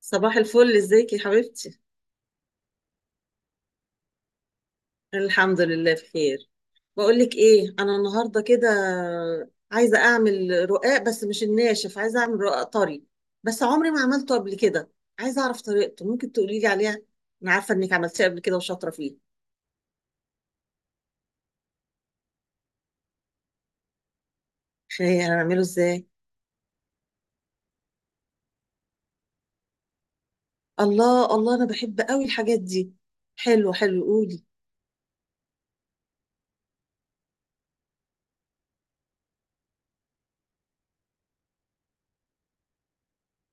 صباح الفل، ازيك يا حبيبتي؟ الحمد لله بخير. بقول لك ايه، انا النهارده كده عايزه اعمل رقاق، بس مش الناشف، عايزه اعمل رقاق طري، بس عمري ما عملته قبل كده. عايزه اعرف طريقته، ممكن تقولي لي عليها؟ انا عارفه انك عملتيه قبل كده وشاطره فيه. خير، هنعمله ازاي؟ الله الله، انا بحب قوي الحاجات دي. حلو حلو، قولي.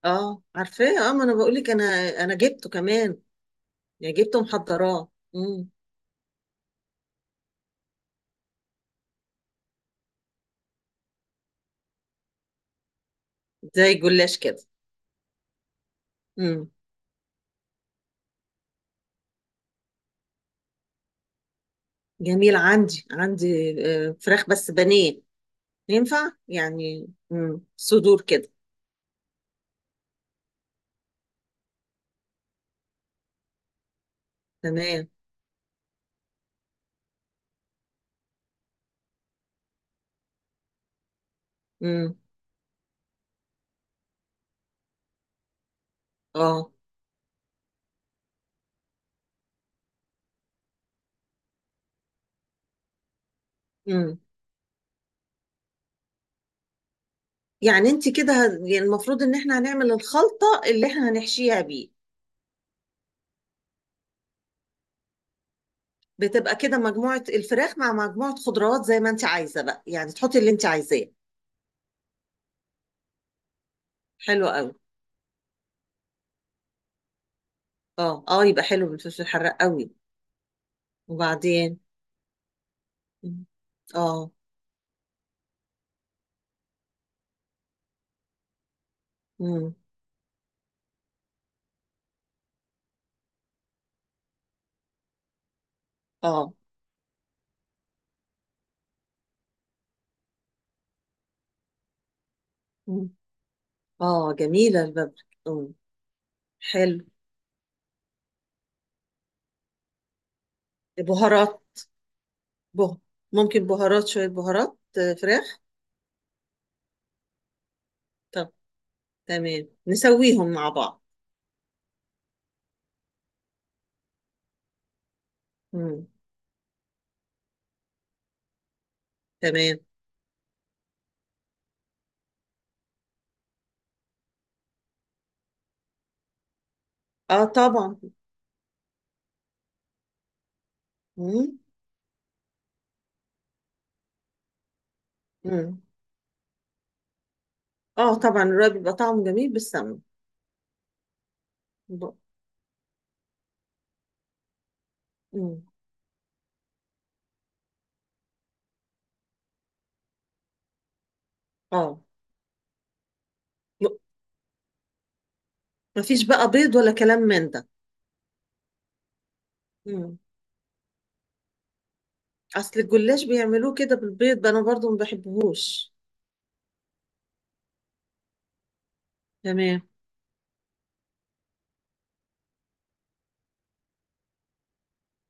اه عارفاه، اه ما انا بقول لك انا، انا جبته كمان. يعني جبته محضراه زي الجلاش كده. امم جميل، عندي عندي آه، فراخ بس بانيه. ينفع يعني صدور كده؟ تمام. مم. اه. مم. يعني انت كده يعني المفروض ان احنا هنعمل الخلطة اللي احنا هنحشيها بيه. بتبقى كده مجموعة الفراخ مع مجموعة خضروات زي ما انت عايزة بقى، يعني تحطي اللي انت عايزاه. حلو قوي. اه اه، يبقى حلو بالفلفل الحراق قوي. وبعدين؟ مم. اه مم. اه. مم. اه جميلة البابريكا حلو. بهارات، بهار، ممكن بهارات، شوية بهارات آه، فراخ. طب تمام، نسويهم مع بعض. مم. تمام. اه طبعا. مم. مم. اه طبعا، الرق بيبقى طعمه جميل بالسمنة. ب... مم. اه. م- مفيش بقى بيض ولا كلام من ده؟ مم. اصل الجلاش بيعملوه كده بالبيض، ده انا برضو ما بحبهوش. تمام.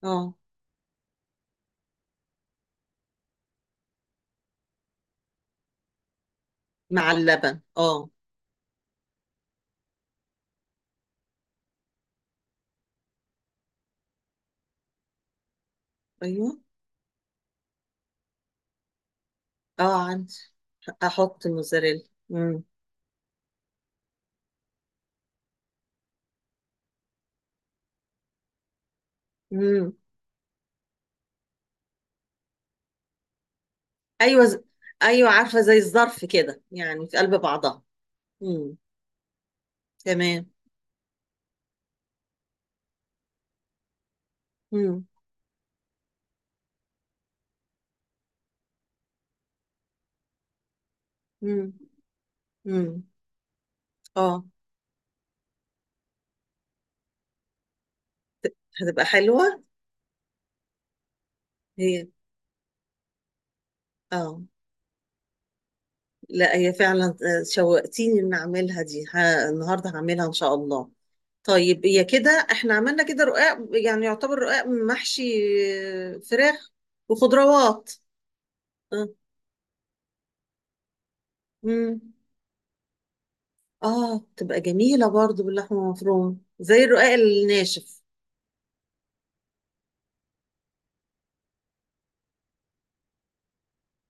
اه. مع اللبن اه. ايوه. اه عندي، احط موزاريلا. مم. مم. ايوه ايوه عارفه، زي الظرف كده يعني في قلب بعضها. امم تمام. امم امم امم اه. هتبقى حلوه هي. اه. لا هي فعلا آه، شوقتيني ان اعملها دي النهارده هعملها ان شاء الله. طيب هي كده احنا عملنا كده رقاق، يعني يعتبر رقاق محشي آه، فراخ وخضروات. اه. امم اه، تبقى جميله برضو باللحمه المفرومه زي الرقاق الناشف.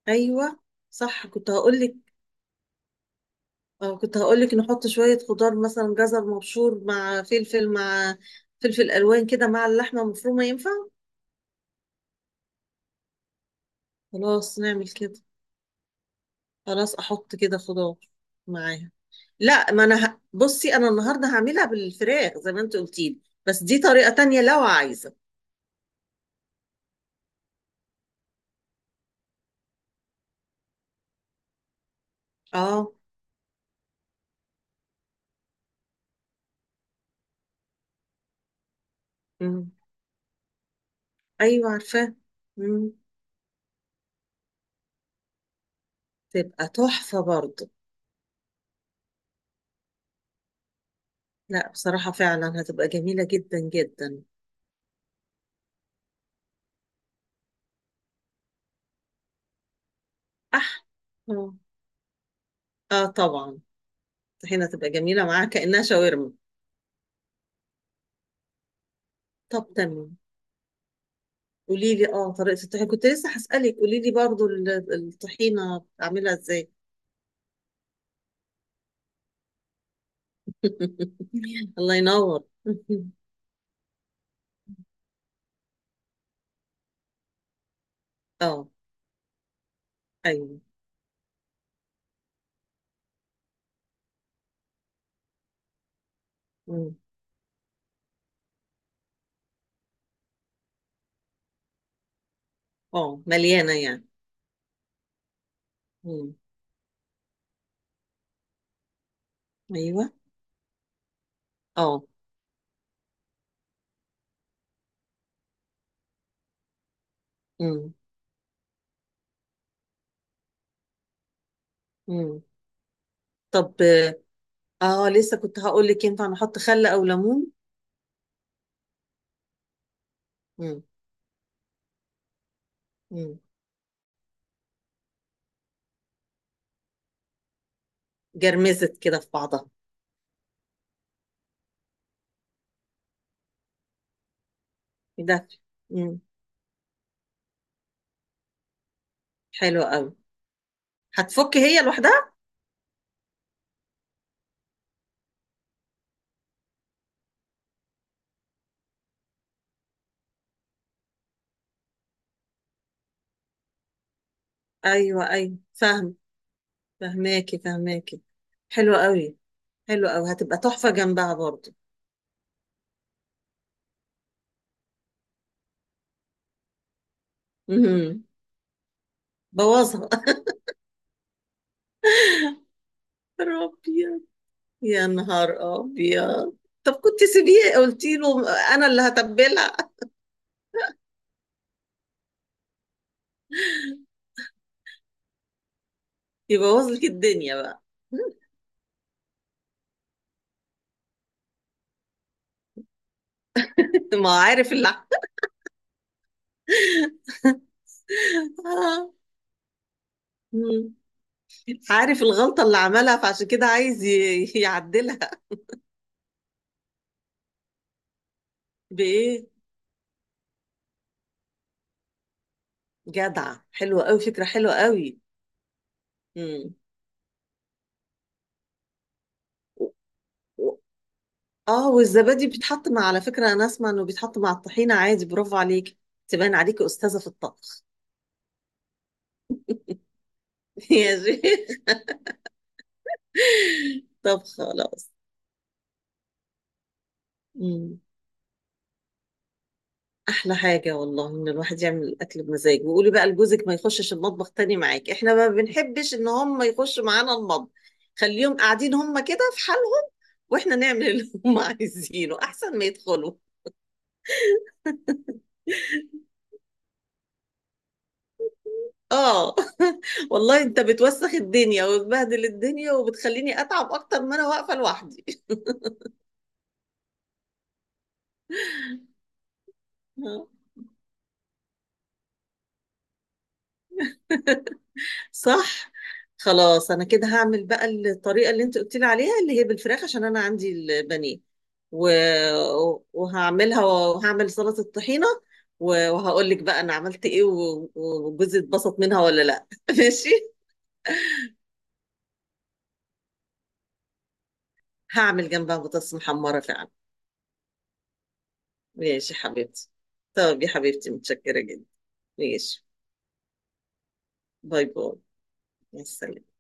ايوه، صح كنت هقول لك. اه كنت هقولك نحط شوية خضار، مثلا جزر مبشور مع فلفل مع فلفل ألوان كده مع اللحمة المفرومة، ينفع؟ خلاص نعمل كده، خلاص أحط كده خضار معاها. لا ما أنا بصي، أنا النهاردة هعملها بالفراخ زي ما أنت قلتي لي. بس دي طريقة تانية لو عايزة. اه. مم. أيوة عارفاه. مم. تبقى تحفة برضه. لا بصراحة فعلا هتبقى جميلة جدا جدا. أح، اه، آه طبعا، هنا تبقى جميلة معاها كأنها شاورما. طب تمام، قولي لي اه طريقة الطحينة، كنت لسه هسألك. قولي لي برضو الطحينة بتعملها ازاي؟ الله ينور اه. ايوه. مم. اه مليانة يعني. مم. ايوه. اه. مم. مم. طب، اه لسه كنت هقول لك ينفع نحط خل او ليمون. مم. مم. جرمزت كده في بعضها. إيه ده؟ مم. حلو قوي، هتفك هي لوحدها. ايوه ايوه، فاهم. فهماكي فهماكي. حلو قوي. حلو قوي، هتبقى تحفة جنبها برضو. مهم. بوظها يا ربي، يا نهار ابيض. طب كنت سيبيه، قلتي له انا اللي هتبلها. يبوظ لك الدنيا بقى. ما هو عارف اللي آه. مم. عارف الغلطه اللي عملها، فعشان كده عايز يعدلها. بايه؟ جدع، حلوه قوي، فكره حلوه قوي. مم. و- و- اه والزبادي بيتحط مع، على فكره انا اسمع انه بيتحط مع الطحينه عادي، برافو عليك، تبان عليكي استاذه في الطبخ. يا شيخ طب خلاص. مم. احلى حاجه والله ان الواحد يعمل الاكل بمزاجه. وقولي بقى لجوزك ما يخشش المطبخ تاني معاك، احنا ما بنحبش ان هم يخشوا معانا المطبخ. خليهم قاعدين هم كده في حالهم، واحنا نعمل اللي هم عايزينه احسن ما يدخلوا. اه. والله انت بتوسخ الدنيا وبتبهدل الدنيا وبتخليني اتعب اكتر ما انا واقفه لوحدي. صح. خلاص انا كده هعمل بقى الطريقه اللي انت قلت لي عليها اللي هي بالفراخ عشان انا عندي البانيه و... وهعملها، وهعمل سلطه طحينه، وهقول لك بقى انا عملت ايه وجوزي اتبسط منها ولا لا. ماشي. هعمل جنبها بطاطس محمره فعلا. ماشي حبيبتي، طب يا حبيبتي متشكره جدا. ماشي. باي باي. مع السلامه.